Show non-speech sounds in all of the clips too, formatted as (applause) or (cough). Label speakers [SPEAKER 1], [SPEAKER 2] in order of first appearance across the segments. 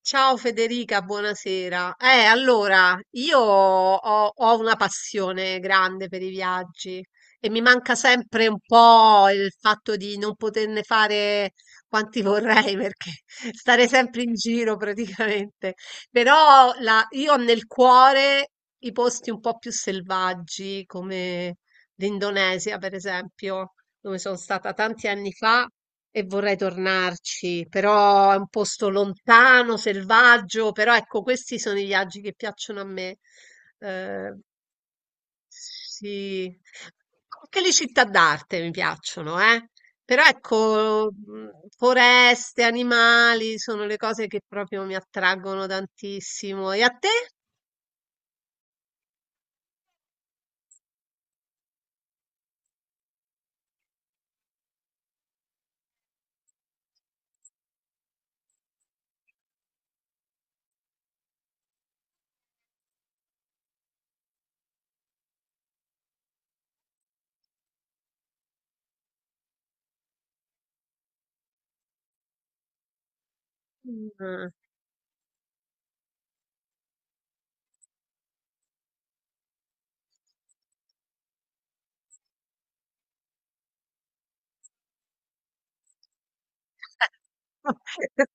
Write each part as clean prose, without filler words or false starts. [SPEAKER 1] Ciao Federica, buonasera. Io ho una passione grande per i viaggi e mi manca sempre un po' il fatto di non poterne fare quanti vorrei (laughs) perché stare sempre in giro praticamente. Però io ho nel cuore i posti un po' più selvaggi come l'Indonesia, per esempio, dove sono stata tanti anni fa e vorrei tornarci, però è un posto lontano, selvaggio, però ecco, questi sono i viaggi che piacciono a me. Eh, sì, anche le città d'arte mi piacciono, eh. Però ecco, foreste, animali sono le cose che proprio mi attraggono tantissimo. E a te? Mm. (laughs)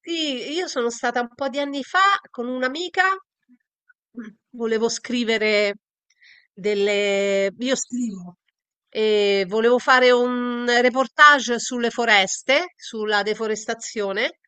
[SPEAKER 1] Sì, io sono stata un po' di anni fa con un'amica, volevo scrivere delle... Io scrivo. E volevo fare un reportage sulle foreste, sulla deforestazione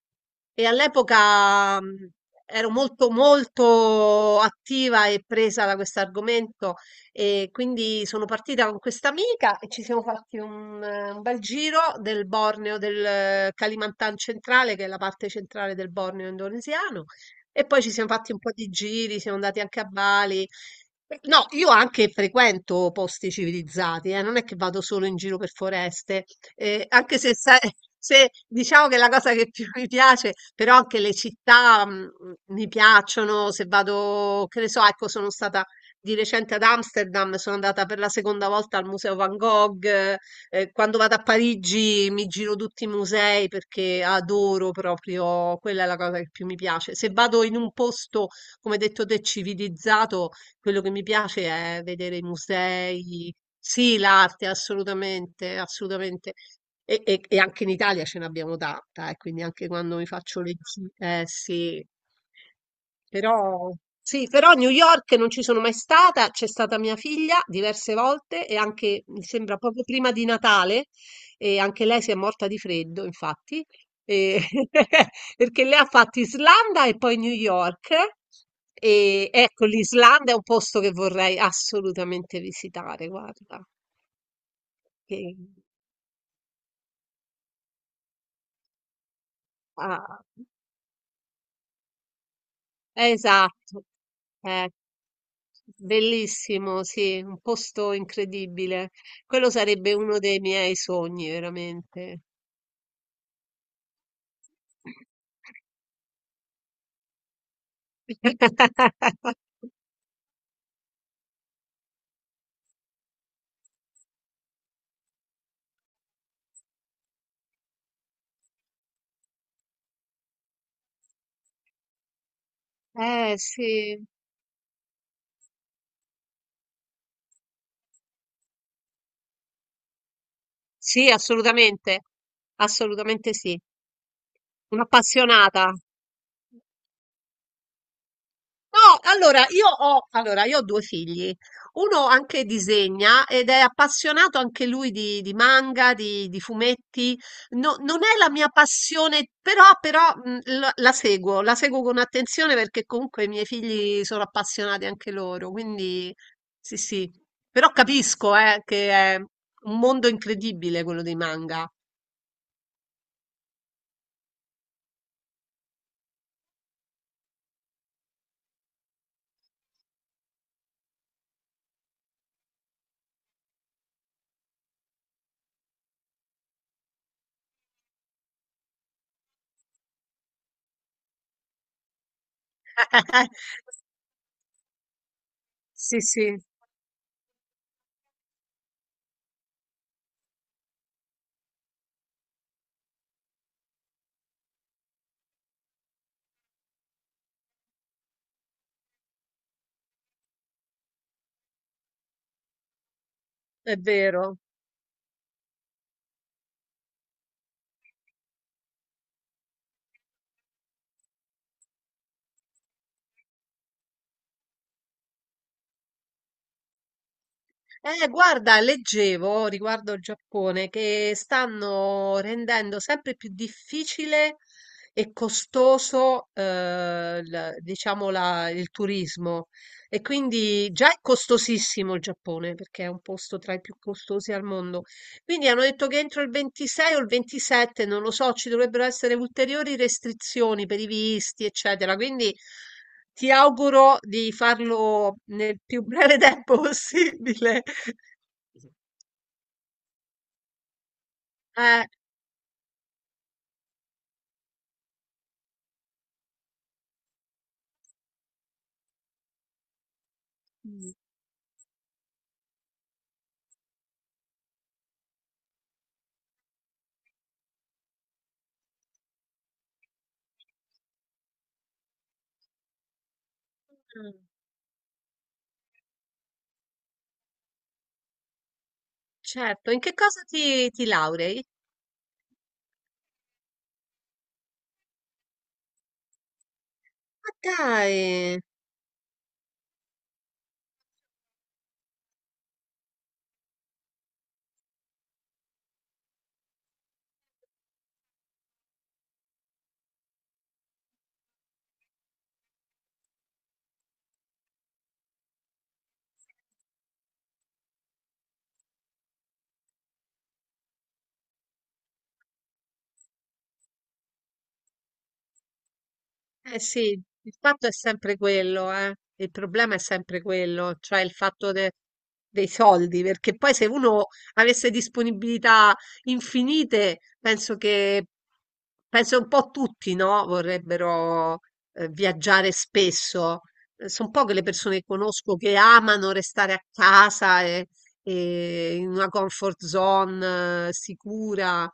[SPEAKER 1] e all'epoca ero molto attiva e presa da questo argomento e quindi sono partita con questa amica e ci siamo fatti un bel giro del Borneo, del Kalimantan centrale, che è la parte centrale del Borneo indonesiano. E poi ci siamo fatti un po' di giri, siamo andati anche a Bali. No, io anche frequento posti civilizzati, non è che vado solo in giro per foreste, anche se, sai- (laughs) se diciamo che è la cosa che più mi piace, però anche le città mi piacciono, se vado, che ne so, ecco, sono stata di recente ad Amsterdam, sono andata per la seconda volta al Museo Van Gogh. Eh, quando vado a Parigi mi giro tutti i musei perché adoro proprio, quella è la cosa che più mi piace. Se vado in un posto, come hai detto te, civilizzato, quello che mi piace è vedere i musei. Sì, l'arte, assolutamente, assolutamente. E anche in Italia ce n'abbiamo tanta, quindi anche quando mi faccio le gite, sì. Però, sì, però a New York non ci sono mai stata, c'è stata mia figlia diverse volte e anche, mi sembra, proprio prima di Natale, e anche lei si è morta di freddo, infatti, e- (laughs) perché lei ha fatto Islanda e poi New York. E ecco, l'Islanda è un posto che vorrei assolutamente visitare, guarda. che- ah, esatto. Eh, bellissimo, sì, un posto incredibile. Quello sarebbe uno dei miei sogni, veramente. (laughs) Sì, sì, assolutamente, assolutamente sì. Un'appassionata. No, allora io ho, Allora, io ho due figli. Uno anche disegna ed è appassionato anche lui di manga, di fumetti. Non è la mia passione, però la seguo, la seguo con attenzione perché comunque i miei figli sono appassionati anche loro. Quindi sì, sì. Però capisco, che è un mondo incredibile quello dei manga. (laughs) Sì, sì, è vero. Guarda, leggevo riguardo il Giappone che stanno rendendo sempre più difficile e costoso, il turismo. E quindi già è costosissimo il Giappone perché è un posto tra i più costosi al mondo. Quindi hanno detto che entro il 26 o il 27, non lo so, ci dovrebbero essere ulteriori restrizioni per i visti, eccetera. Quindi ti auguro di farlo nel più breve (laughs) tempo possibile. Eh, mm, certo, in che cosa ti laurei? Ma dai! Eh sì, il fatto è sempre quello, eh. Il problema è sempre quello, cioè il fatto dei soldi, perché poi se uno avesse disponibilità infinite, penso un po' tutti, no? Vorrebbero viaggiare spesso. Sono poche le persone che conosco che amano restare a casa e in una comfort zone sicura.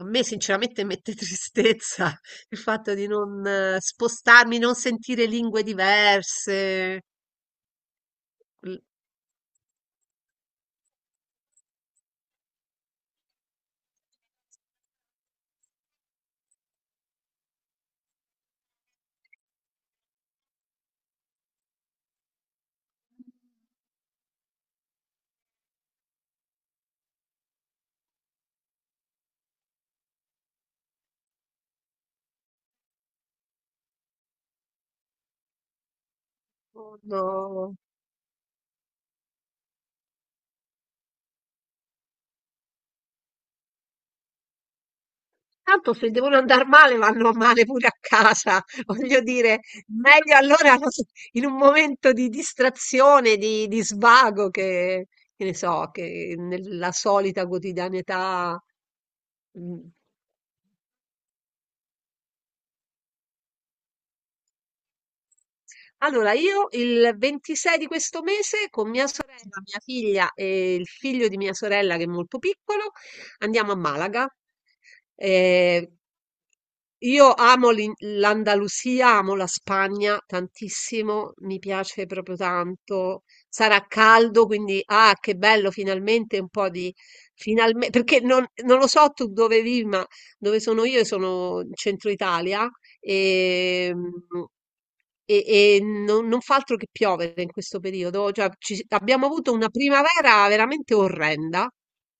[SPEAKER 1] A me sinceramente mette (laughs) tristezza il fatto di non spostarmi, non sentire lingue diverse. l- no. Tanto se devono andare male, vanno male pure a casa. (laughs) Voglio dire, meglio allora non so, in un momento di distrazione, di svago, che ne so, che nella solita quotidianità. mm, Allora, io il 26 di questo mese con mia sorella, mia figlia e il figlio di mia sorella che è molto piccolo andiamo a Malaga. Eh, io amo l'Andalusia, amo la Spagna tantissimo, mi piace proprio tanto. Sarà caldo, quindi ah, che bello, finalmente un po' di... Perché non lo so tu dove vivi, ma dove sono io, sono in centro Italia. E, e, e non fa altro che piovere in questo periodo. Cioè, abbiamo avuto una primavera veramente orrenda.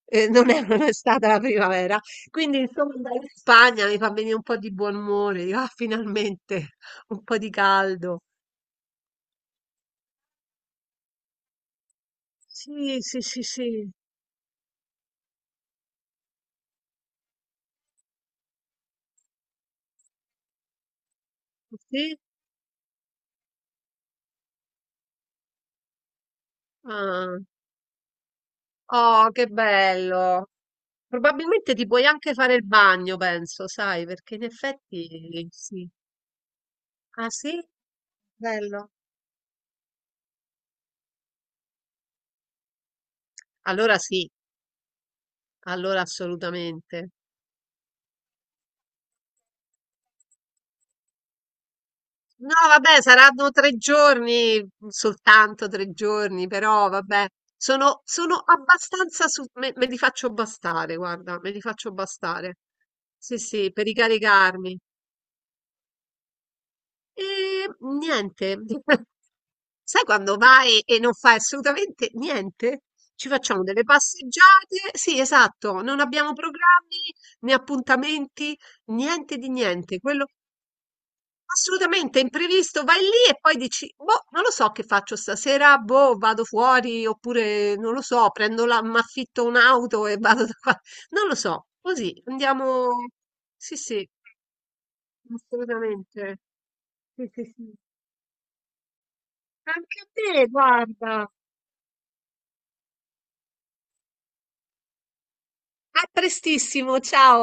[SPEAKER 1] Eh, (laughs) non è stata la primavera, quindi insomma andare in Spagna mi fa venire un po' di buon umore, dico, "Ah, finalmente (laughs) un po' di caldo. Sì, sì, sì, sì. Sì? Ah. Oh, che bello. Probabilmente ti puoi anche fare il bagno, penso, sai, perché in effetti sì. Ah, sì? Bello. Allora sì, allora assolutamente. No, vabbè, saranno tre giorni, soltanto tre giorni, però vabbè, sono abbastanza, me li faccio bastare, guarda, me li faccio bastare. Sì, sì, per ricaricarmi. E niente, (laughs) sai quando vai e non fai assolutamente niente? Ci facciamo delle passeggiate, sì, esatto, non abbiamo programmi né appuntamenti, niente di niente. Quello, assolutamente, imprevisto, vai lì e poi dici: "Boh, non lo so che faccio stasera, boh, vado fuori oppure non lo so, prendo la m'affitto un'auto e vado da qua". Non lo so, così andiamo sì, sì, assolutamente. Sì, sì, sì. Anche a te, guarda. A prestissimo, ciao.